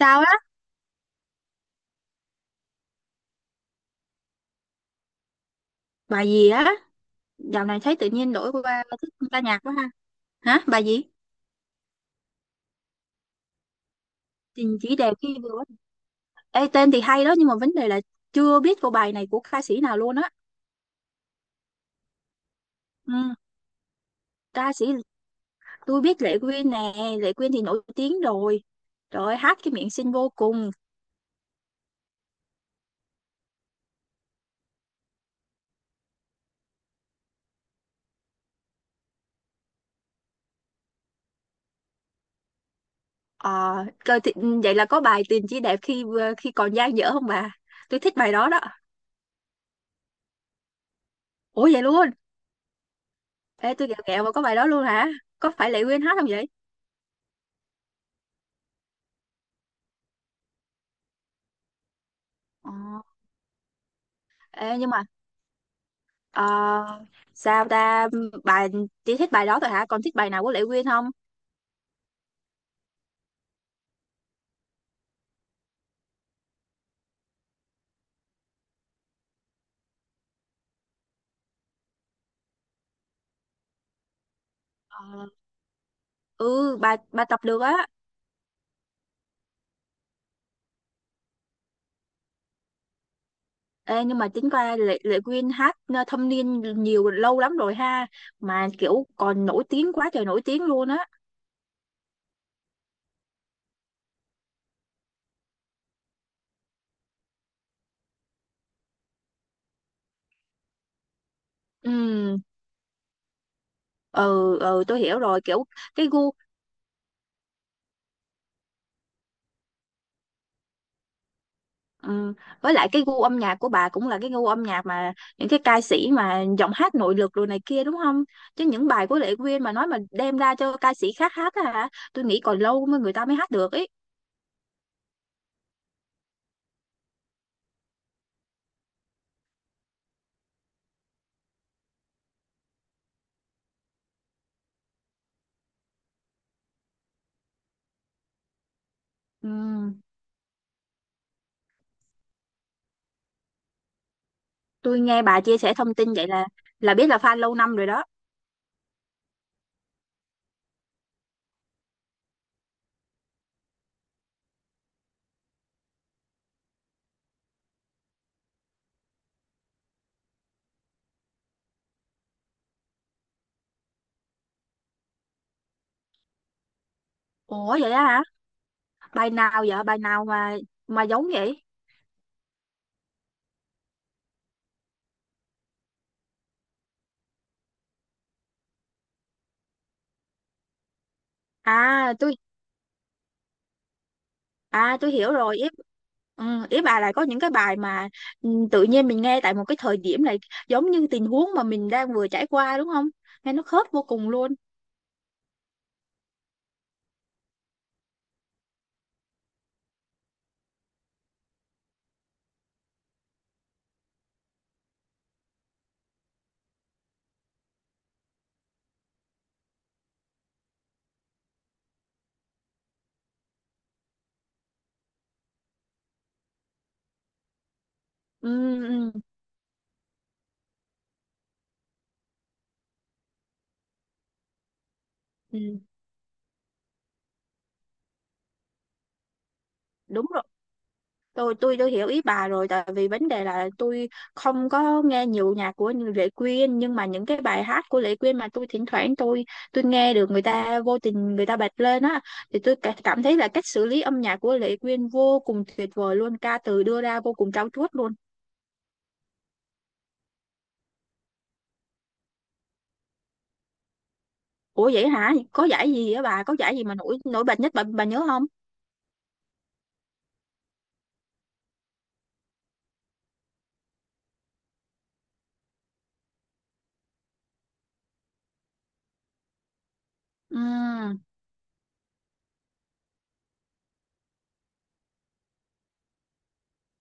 Tao á, bà gì á, dạo này thấy tự nhiên đổi qua thích ca nhạc quá ha. Hả, bà gì? Tình chỉ đẹp khi vừa. Ê, tên thì hay đó nhưng mà vấn đề là chưa biết cô bài này của ca sĩ nào luôn á. Ừ, ca sĩ tôi biết Lệ Quyên nè, Lệ Quyên thì nổi tiếng rồi. Rồi hát cái miệng xinh vô cùng. Ờ, coi thì, ừ, vậy là có bài Tình chỉ đẹp khi vừa khi còn dang dở không bà? Tôi thích bài đó đó. Ủa vậy luôn? Ê, tôi gẹo gẹo mà có bài đó luôn hả? Có phải Lệ Quyên hát không vậy? Ờ, ê, nhưng mà. Ờ, sao ta, bà chỉ thích bài đó thôi hả, còn thích bài nào của Lệ Quyên không? Ờ, ừ, bà tập được á. Ê, nhưng mà tính qua Lệ Quyên hát thâm niên nhiều lâu lắm rồi ha, mà kiểu còn nổi tiếng quá trời nổi tiếng luôn á. Ừ, ừ, ừ, tôi hiểu rồi, kiểu cái gu. Ừ. Với lại cái gu âm nhạc của bà cũng là cái gu âm nhạc mà những cái ca sĩ mà giọng hát nội lực rồi này kia đúng không? Chứ những bài của Lệ Quyên mà nói mà đem ra cho ca sĩ khác hát á hả? Tôi nghĩ còn lâu mới người ta mới hát được ấy. Ừ. Tôi nghe bà chia sẻ thông tin vậy là biết là fan lâu năm rồi đó. Ủa vậy đó hả? Bài nào vậy? Bài nào mà giống vậy? À, tôi. À tôi hiểu rồi ý, ừ, ý bà là có những cái bài mà, ừ, tự nhiên mình nghe tại một cái thời điểm này giống như tình huống mà mình đang vừa trải qua đúng không? Nghe nó khớp vô cùng luôn. Ừ, ừ, ừ, đúng rồi. Tôi hiểu ý bà rồi tại vì vấn đề là tôi không có nghe nhiều nhạc của Lệ Quyên, nhưng mà những cái bài hát của Lệ Quyên mà tôi thỉnh thoảng tôi nghe được, người ta vô tình người ta bật lên á, thì tôi cảm thấy là cách xử lý âm nhạc của Lệ Quyên vô cùng tuyệt vời luôn, ca từ đưa ra vô cùng trau chuốt luôn. Ủa vậy hả? Có giải gì á bà? Có giải gì mà nổi nổi bật nhất bà nhớ không? Ừ.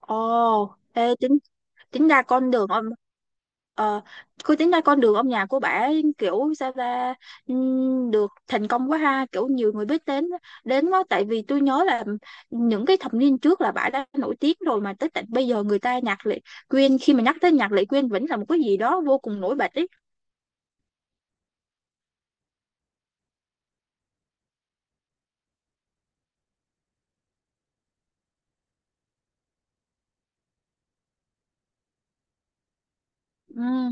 Ồ, ê, tính tính ra con đường ông ờ cứ tính ra con đường âm nhạc của bà ấy, kiểu sao ta, được thành công quá ha, kiểu nhiều người biết đến đến quá, tại vì tôi nhớ là những cái thập niên trước là bà đã nổi tiếng rồi mà tới tận bây giờ, người ta nhạc Lệ Quyên khi mà nhắc tới nhạc Lệ Quyên vẫn là một cái gì đó vô cùng nổi bật ấy. Ừ,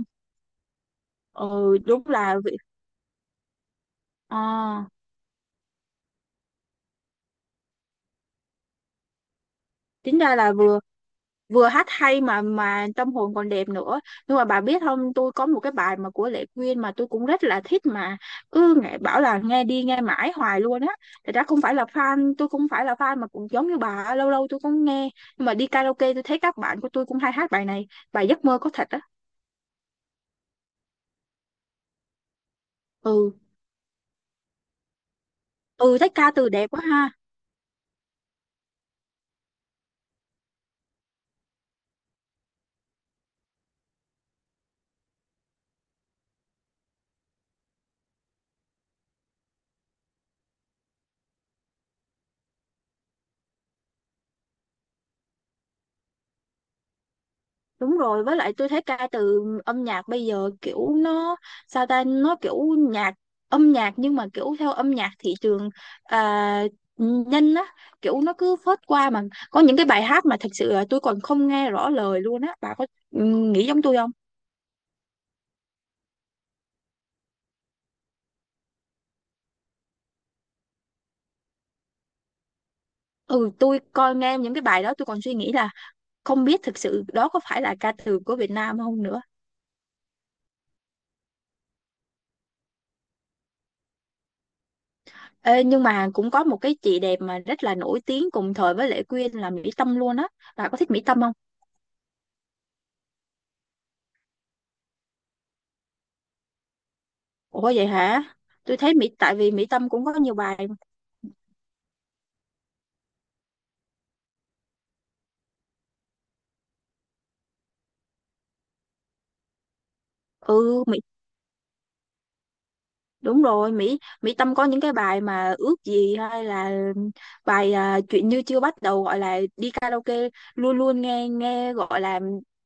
ừ, đúng là ờ tính ra là vừa vừa hát hay mà tâm hồn còn đẹp nữa, nhưng mà bà biết không, tôi có một cái bài mà của Lệ Quyên mà tôi cũng rất là thích mà cứ nghe bảo là nghe đi nghe mãi hoài luôn á. Thật ra không phải là fan, tôi cũng phải là fan mà cũng giống như bà, lâu lâu tôi cũng nghe, nhưng mà đi karaoke tôi thấy các bạn của tôi cũng hay hát bài này, bài Giấc mơ có thật á. Ừ, ừ, thấy ca từ đẹp quá ha. Đúng rồi, với lại tôi thấy ca từ âm nhạc bây giờ kiểu nó sao ta, nó kiểu nhạc, âm nhạc nhưng mà kiểu theo âm nhạc thị trường, à, nhanh á, kiểu nó cứ phớt qua mà có những cái bài hát mà thật sự là tôi còn không nghe rõ lời luôn á, bà có, ừ, nghĩ giống tôi không? Ừ, tôi coi nghe những cái bài đó tôi còn suy nghĩ là không biết thực sự đó có phải là ca từ của Việt Nam không nữa. Ê, nhưng mà cũng có một cái chị đẹp mà rất là nổi tiếng cùng thời với Lệ Quyên là Mỹ Tâm luôn á. Bà có thích Mỹ Tâm không? Ủa vậy hả? Tôi thấy Mỹ, tại vì Mỹ Tâm cũng có nhiều bài. Ừ, Mỹ, đúng rồi, Mỹ Mỹ Tâm có những cái bài mà ước gì, hay là bài à, chuyện như chưa bắt đầu, gọi là đi karaoke luôn luôn nghe nghe gọi là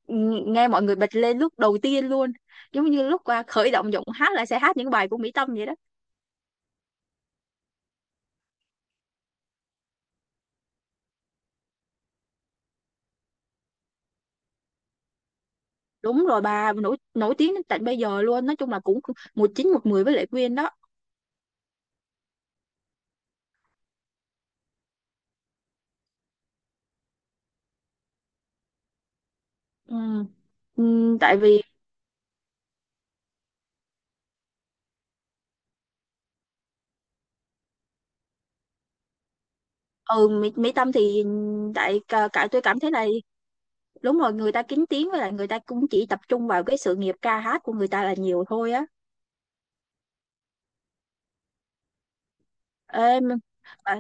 nghe mọi người bật lên lúc đầu tiên luôn. Giống như lúc à, khởi động giọng hát là sẽ hát những bài của Mỹ Tâm vậy đó. Đúng rồi, bà nổi nổi tiếng đến tận bây giờ luôn, nói chung là cũng một chín một mười với Lệ Quyên đó. Ừ. Ừ, tại vì ừ Mỹ Tâm thì tại cả, cả tôi cảm thấy là đúng rồi, người ta kín tiếng, với lại người ta cũng chỉ tập trung vào cái sự nghiệp ca hát của người ta là nhiều thôi á. Ê, mà-, à,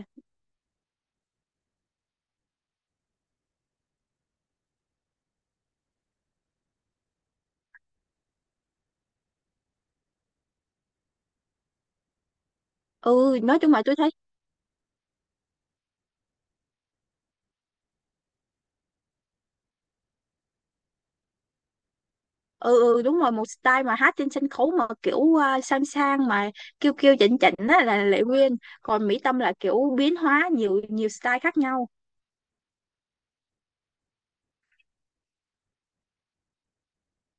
ừ, nói chung là tôi thấy ừ, ừ, đúng rồi, một style mà hát trên sân khấu mà kiểu à, sang sang mà kêu kêu chỉnh chỉnh á là Lệ Quyên, còn Mỹ Tâm là kiểu biến hóa nhiều nhiều style khác nhau.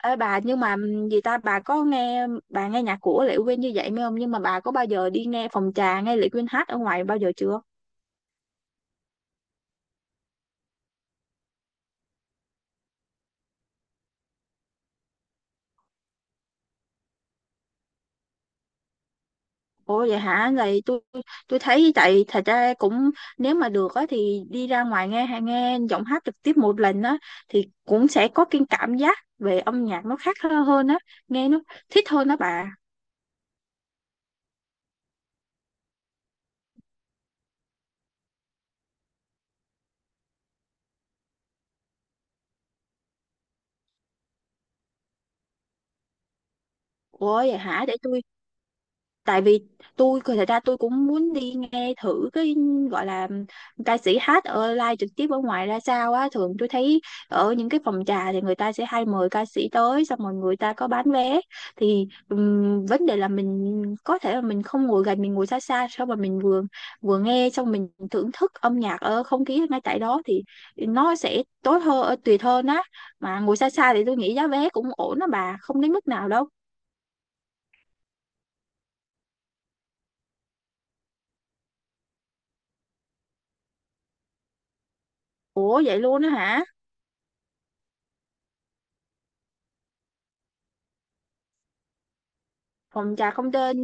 Ê bà, nhưng mà gì ta, bà nghe nhạc của Lệ Quyên như vậy mới không, nhưng mà bà có bao giờ đi nghe phòng trà nghe Lệ Quyên hát ở ngoài bao giờ chưa? Ủa vậy hả? Vậy tôi thấy tại thật ra cũng nếu mà được á thì đi ra ngoài nghe hay nghe giọng hát trực tiếp một lần á thì cũng sẽ có cái cảm giác về âm nhạc nó khác hơn hơn á, nghe nó thích hơn đó bà. Ủa vậy hả? Để tôi, tại vì tôi thật ra tôi cũng muốn đi nghe thử cái gọi là ca sĩ hát ở live trực tiếp ở ngoài ra sao á, thường tôi thấy ở những cái phòng trà thì người ta sẽ hay mời ca sĩ tới xong rồi người ta có bán vé, thì vấn đề là mình có thể là mình không ngồi gần, mình ngồi xa xa xong mà mình vừa vừa nghe xong mình thưởng thức âm nhạc ở không khí ngay tại đó thì nó sẽ tốt hơn tuyệt hơn á, mà ngồi xa xa thì tôi nghĩ giá vé cũng ổn đó bà, không đến mức nào đâu. Ủa vậy luôn á hả? Phòng trà Không Tên,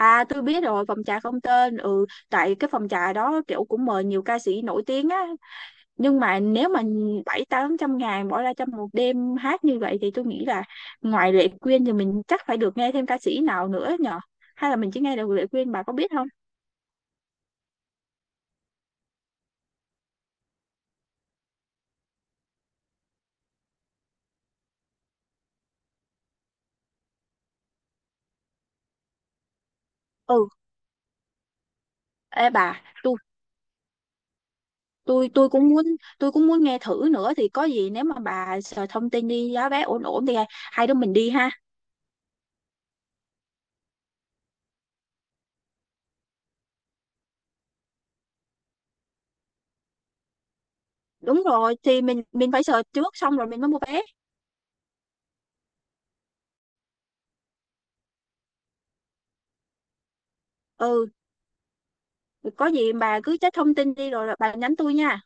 à tôi biết rồi, phòng trà Không Tên. Ừ, tại cái phòng trà đó kiểu cũng mời nhiều ca sĩ nổi tiếng á, nhưng mà nếu mà 700-800 ngàn bỏ ra trong một đêm hát như vậy thì tôi nghĩ là ngoài Lệ Quyên thì mình chắc phải được nghe thêm ca sĩ nào nữa nhở, hay là mình chỉ nghe được Lệ Quyên, bà có biết không? Ừ, ê bà, tôi tôi cũng muốn tôi cũng muốn nghe thử nữa, thì có gì nếu mà bà sợ thông tin đi giá vé ổn ổn thì hai đứa mình đi ha. Đúng rồi, thì mình phải search trước xong rồi mình mới mua vé. Ừ, có gì bà cứ check thông tin đi rồi bà nhắn tôi nha.